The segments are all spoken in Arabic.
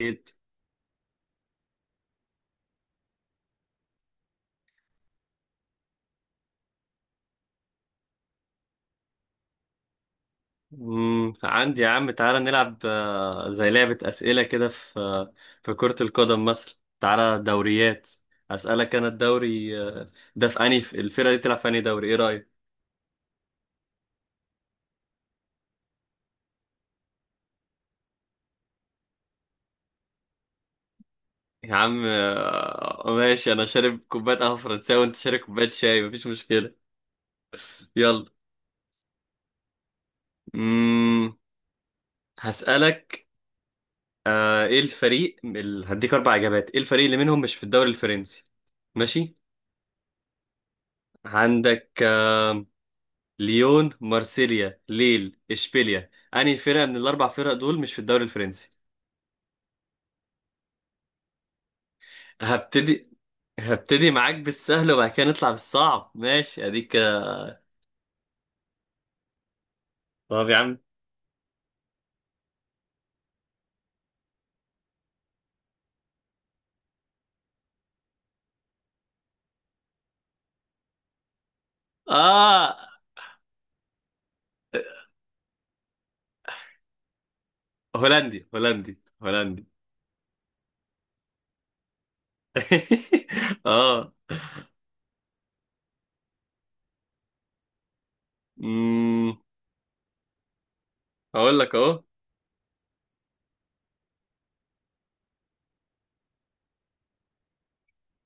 أكيد. عندي يا عم تعالى نلعب زي لعبة أسئلة كده في في كرة القدم مثلا. تعالى دوريات. أسألك أنا الدوري ده في أنهي. في الفرقة دي تلعب في أنهي دوري، إيه رأيك؟ يا عم ماشي. أنا شارب كوباية قهوة فرنساوي وأنت شارب كوباية شاي، مفيش مشكلة. يلا. مم، هسألك. إيه الفريق هديك أربع إجابات، إيه الفريق اللي منهم مش في الدوري الفرنسي؟ ماشي؟ عندك ليون، مارسيليا، ليل، اشبيليا، انهي فرقه من الاربع فرق دول مش في الدوري الفرنسي؟ هبتدي هبتدي معاك بالسهل وبعد كده نطلع بالصعب، ماشي اديك كده. طب يا عم. اه هولندي، هولندي، هولندي. اه. امم هقول لك اهو.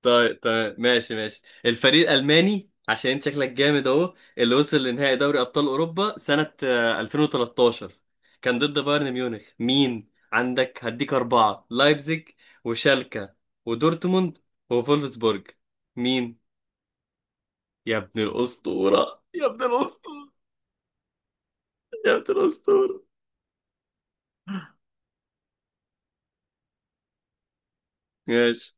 طيب طيب، ماشي. الفريق الألماني عشان انت شكلك جامد اهو، اللي وصل لنهائي دوري أبطال أوروبا سنة 2013، كان ضد بايرن ميونخ. مين عندك؟ هديك أربعة: لايبزيج، وشالكا، ودورتموند، وفولفسبورج. مين؟ يا ابن الأسطورة، يا ابن الأسطورة، يا ابن الأسطورة. ماشي.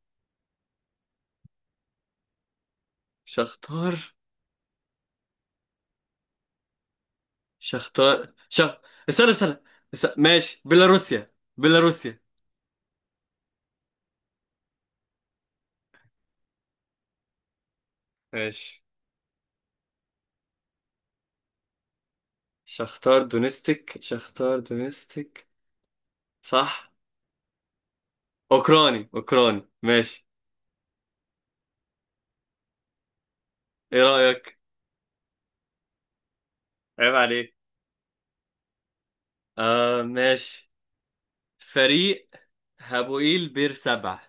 شختار شختار. استنى استنى، ماشي. بيلاروسيا، بيلاروسيا. ماشي. شختار دونستيك، شختار دونستيك. صح. اوكراني، اوكراني. ماشي. ايه رأيك؟ عيب عليك. آه ماشي. فريق هابوئيل بير سبع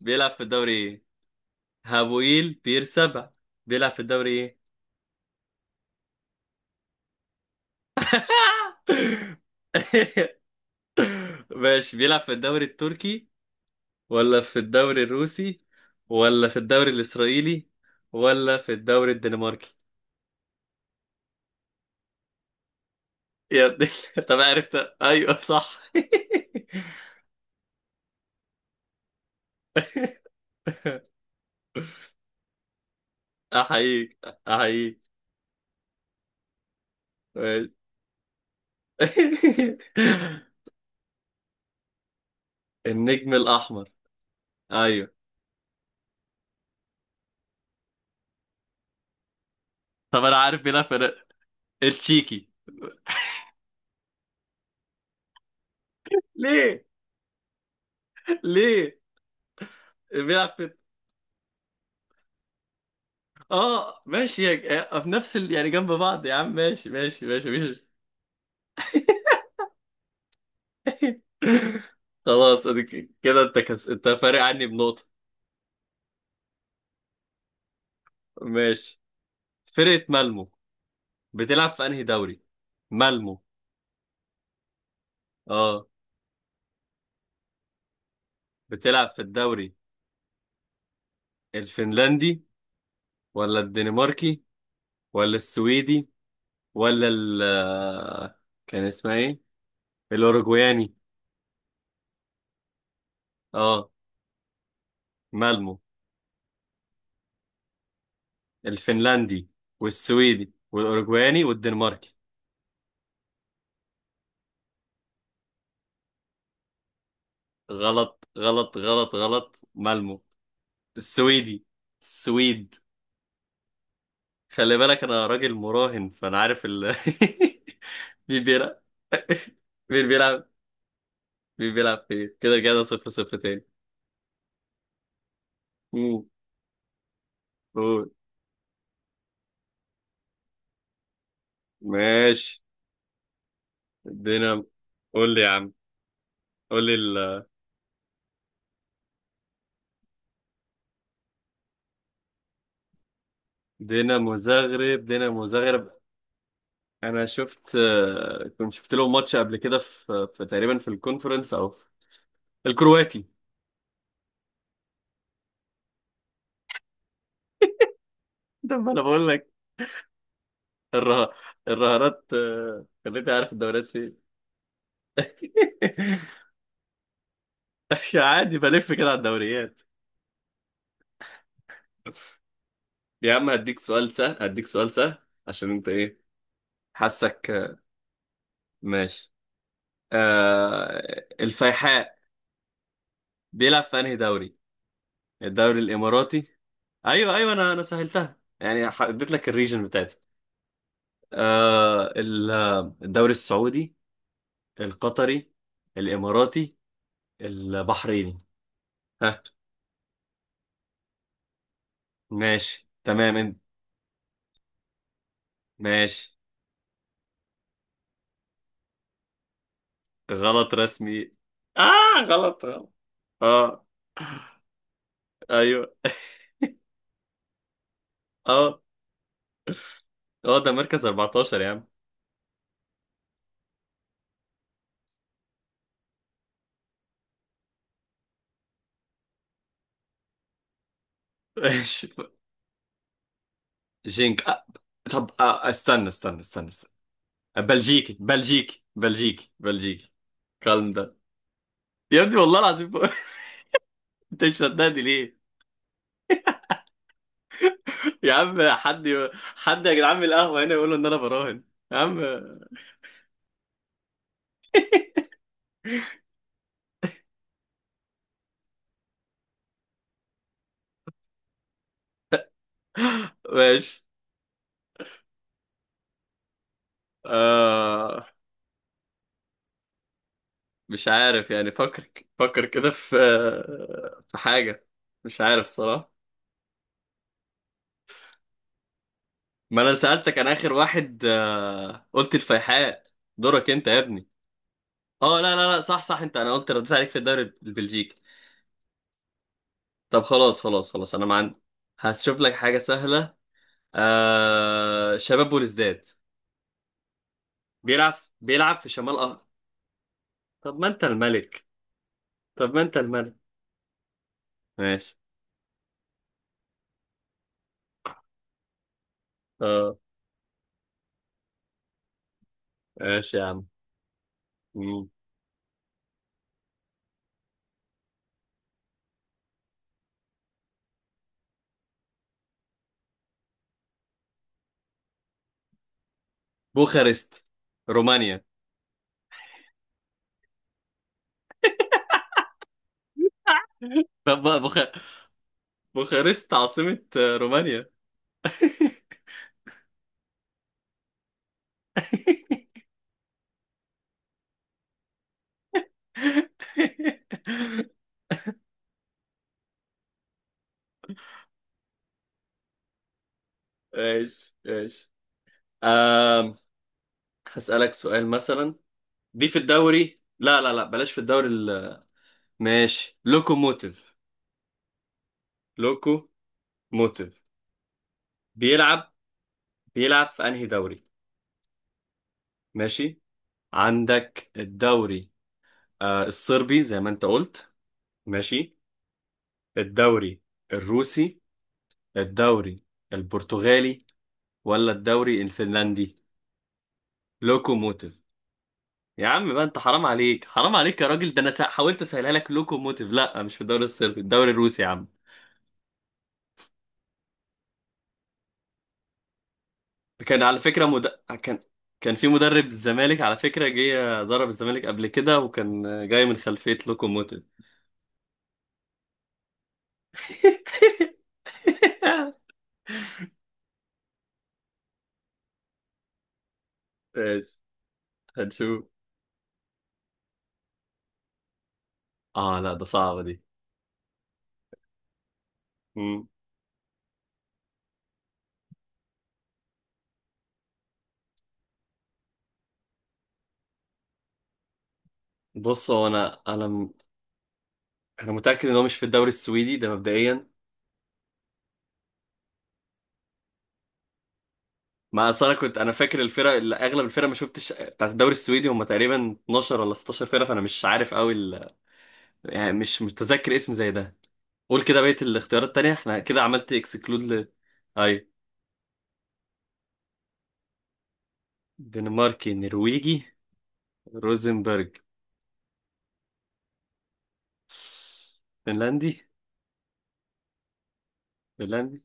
بيلعب في الدوري ايه؟ هابوئيل بير سبع بيلعب في الدوري ايه؟ ماشي. بيلعب في الدوري التركي، ولا في الدوري الروسي، ولا في الدوري الإسرائيلي، ولا في الدوري الدنماركي؟ يا ابني. طب عرفت؟ ايوه صح. احييك، احييك. ماشي. النجم الاحمر. ايوه. طب انا عارف، بيلعب في التشيكي. ليه؟ ليه؟ بيلعب في. اه ماشي في نفس ال... يعني جنب بعض يا عم، ماشي ماشي ماشي ماشي. خلاص اديك كده. انت فارق عني بنقطة. ماشي. فرقة مالمو بتلعب في انهي دوري؟ مالمو. اه. بتلعب في الدوري الفنلندي، ولا الدنماركي، ولا السويدي، ولا ال كان اسمها ايه، الاوروجواني. اه مالمو. الفنلندي والسويدي والاوروجواني والدنماركي. غلط غلط غلط غلط. مالمو السويدي، السويد. خلي بالك انا راجل مراهن فانا عارف ال. مين بيلعب؟ مين بيلعب؟ مين بيلعب فين؟ كده كده صفر صفر تاني. مم. قول. ماشي. دينامو. قول لي يا عم، قول لي ال- دينامو زغرب، دينامو زغرب. انا شفت كنت شفت له ماتش قبل كده في تقريبا في الكونفرنس او في الكرواتي. ده ما انا بقول لك. الره... الرهانات خليتني عارف الدوريات فين. عادي بلف كده على الدوريات. يا عم هديك سؤال سهل، هديك سؤال سهل عشان انت ايه، حاسك ماشي. الفيحاء بيلعب في انهي دوري؟ الدوري الاماراتي. ايوه ايوه، انا سهلتها يعني، اديت لك الريجن بتاعتي. آه الدوري السعودي، القطري، الاماراتي، البحريني. ها؟ ماشي تمام انت. ماشي. غلط رسمي. اه غلط غلط. اه ايوه. اه. اه ده مركز 14 يا عم. ماشي. جينك آه. طب آه. استنى استنى استنى، استنى. بلجيكي بلجيكي بلجيكي بلجيكي. كالم ده. يا ابني والله العظيم. انت مش صدقني ليه؟ يا عم حد يا جدعان من القهوة هنا يقولوا ان انا براهن. يا عم. ماشي. آه... مش عارف يعني، فكر. فكر كده في، في حاجة. مش عارف الصراحة. ما انا سألتك، انا اخر واحد قلت الفيحاء. دورك انت يا ابني. اه لا لا لا، صح صح انت، انا قلت رديت عليك في الدوري البلجيكي. طب خلاص خلاص خلاص، انا ما عندي. هشوف لك حاجة سهلة. شباب بوليسداد بيلعب، بيلعب في شمال أه. طب ما انت الملك. طب ما انت الملك. ماشي. اه. ماشي يا عم. مم. بوخارست، رومانيا. طب بقى بوخارست عاصمة رومانيا. ماشي ماشي. آم... هسألك سؤال مثلا. دي في الدوري، لا لا لا بلاش، في الدوري ال... ماشي. لوكوموتيف، لوكو موتيف بيلعب، بيلعب في انهي دوري. ماشي. عندك الدوري آه الصربي زي ما انت قلت، ماشي. الدوري الروسي، الدوري البرتغالي، ولا الدوري الفنلندي. لوكوموتيف. يا عم بقى انت حرام عليك، حرام عليك يا راجل، ده انا حاولت اسهلها لك. لوكوموتيف لا مش في الدوري الصربي، الدوري الروسي يا عم. كان على فكرة كان، كان في مدرب الزمالك على فكرة جه ضرب الزمالك قبل كده وكان جاي من خلفية لوكوموتيف. ماشي. هنشوف. اه لا ده صعبة دي. مم. بص هو انا متأكد ان هو مش في الدوري السويدي ده مبدئيا. ما اصل انا كنت فاكر الفرق اللي اغلب الفرق ما شفتش بتاعت الدوري السويدي هم تقريبا 12 ولا 16 فرقه، فانا مش عارف قوي ال... يعني مش متذكر اسم زي ده. قول كده بقيه الاختيارات التانيه، احنا كده عملت اكسكلود ل. اي. دنماركي، نرويجي، روزنبرج. فنلندي، فنلندي.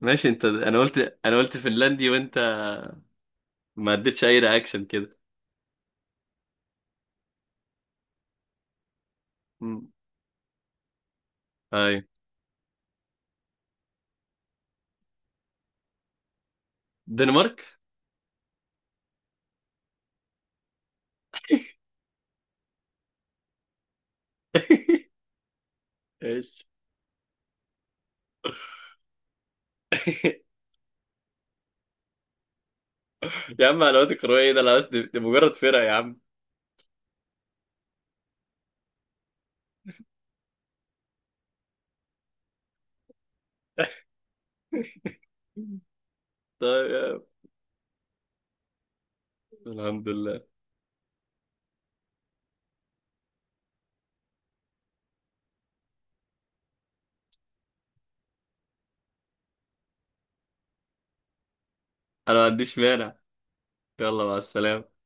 ماشي انت، انا قلت، انا قلت فنلندي وانت ما اديتش اي رياكشن كده. مم. اي دنمارك. ايش. يا عم معلومات الكرويه ايه ده، لا بس دي مجرد فرقه يا عم. طيب يا عم. الحمد لله. انا ما عنديش مانع. يلا، مع السلامة.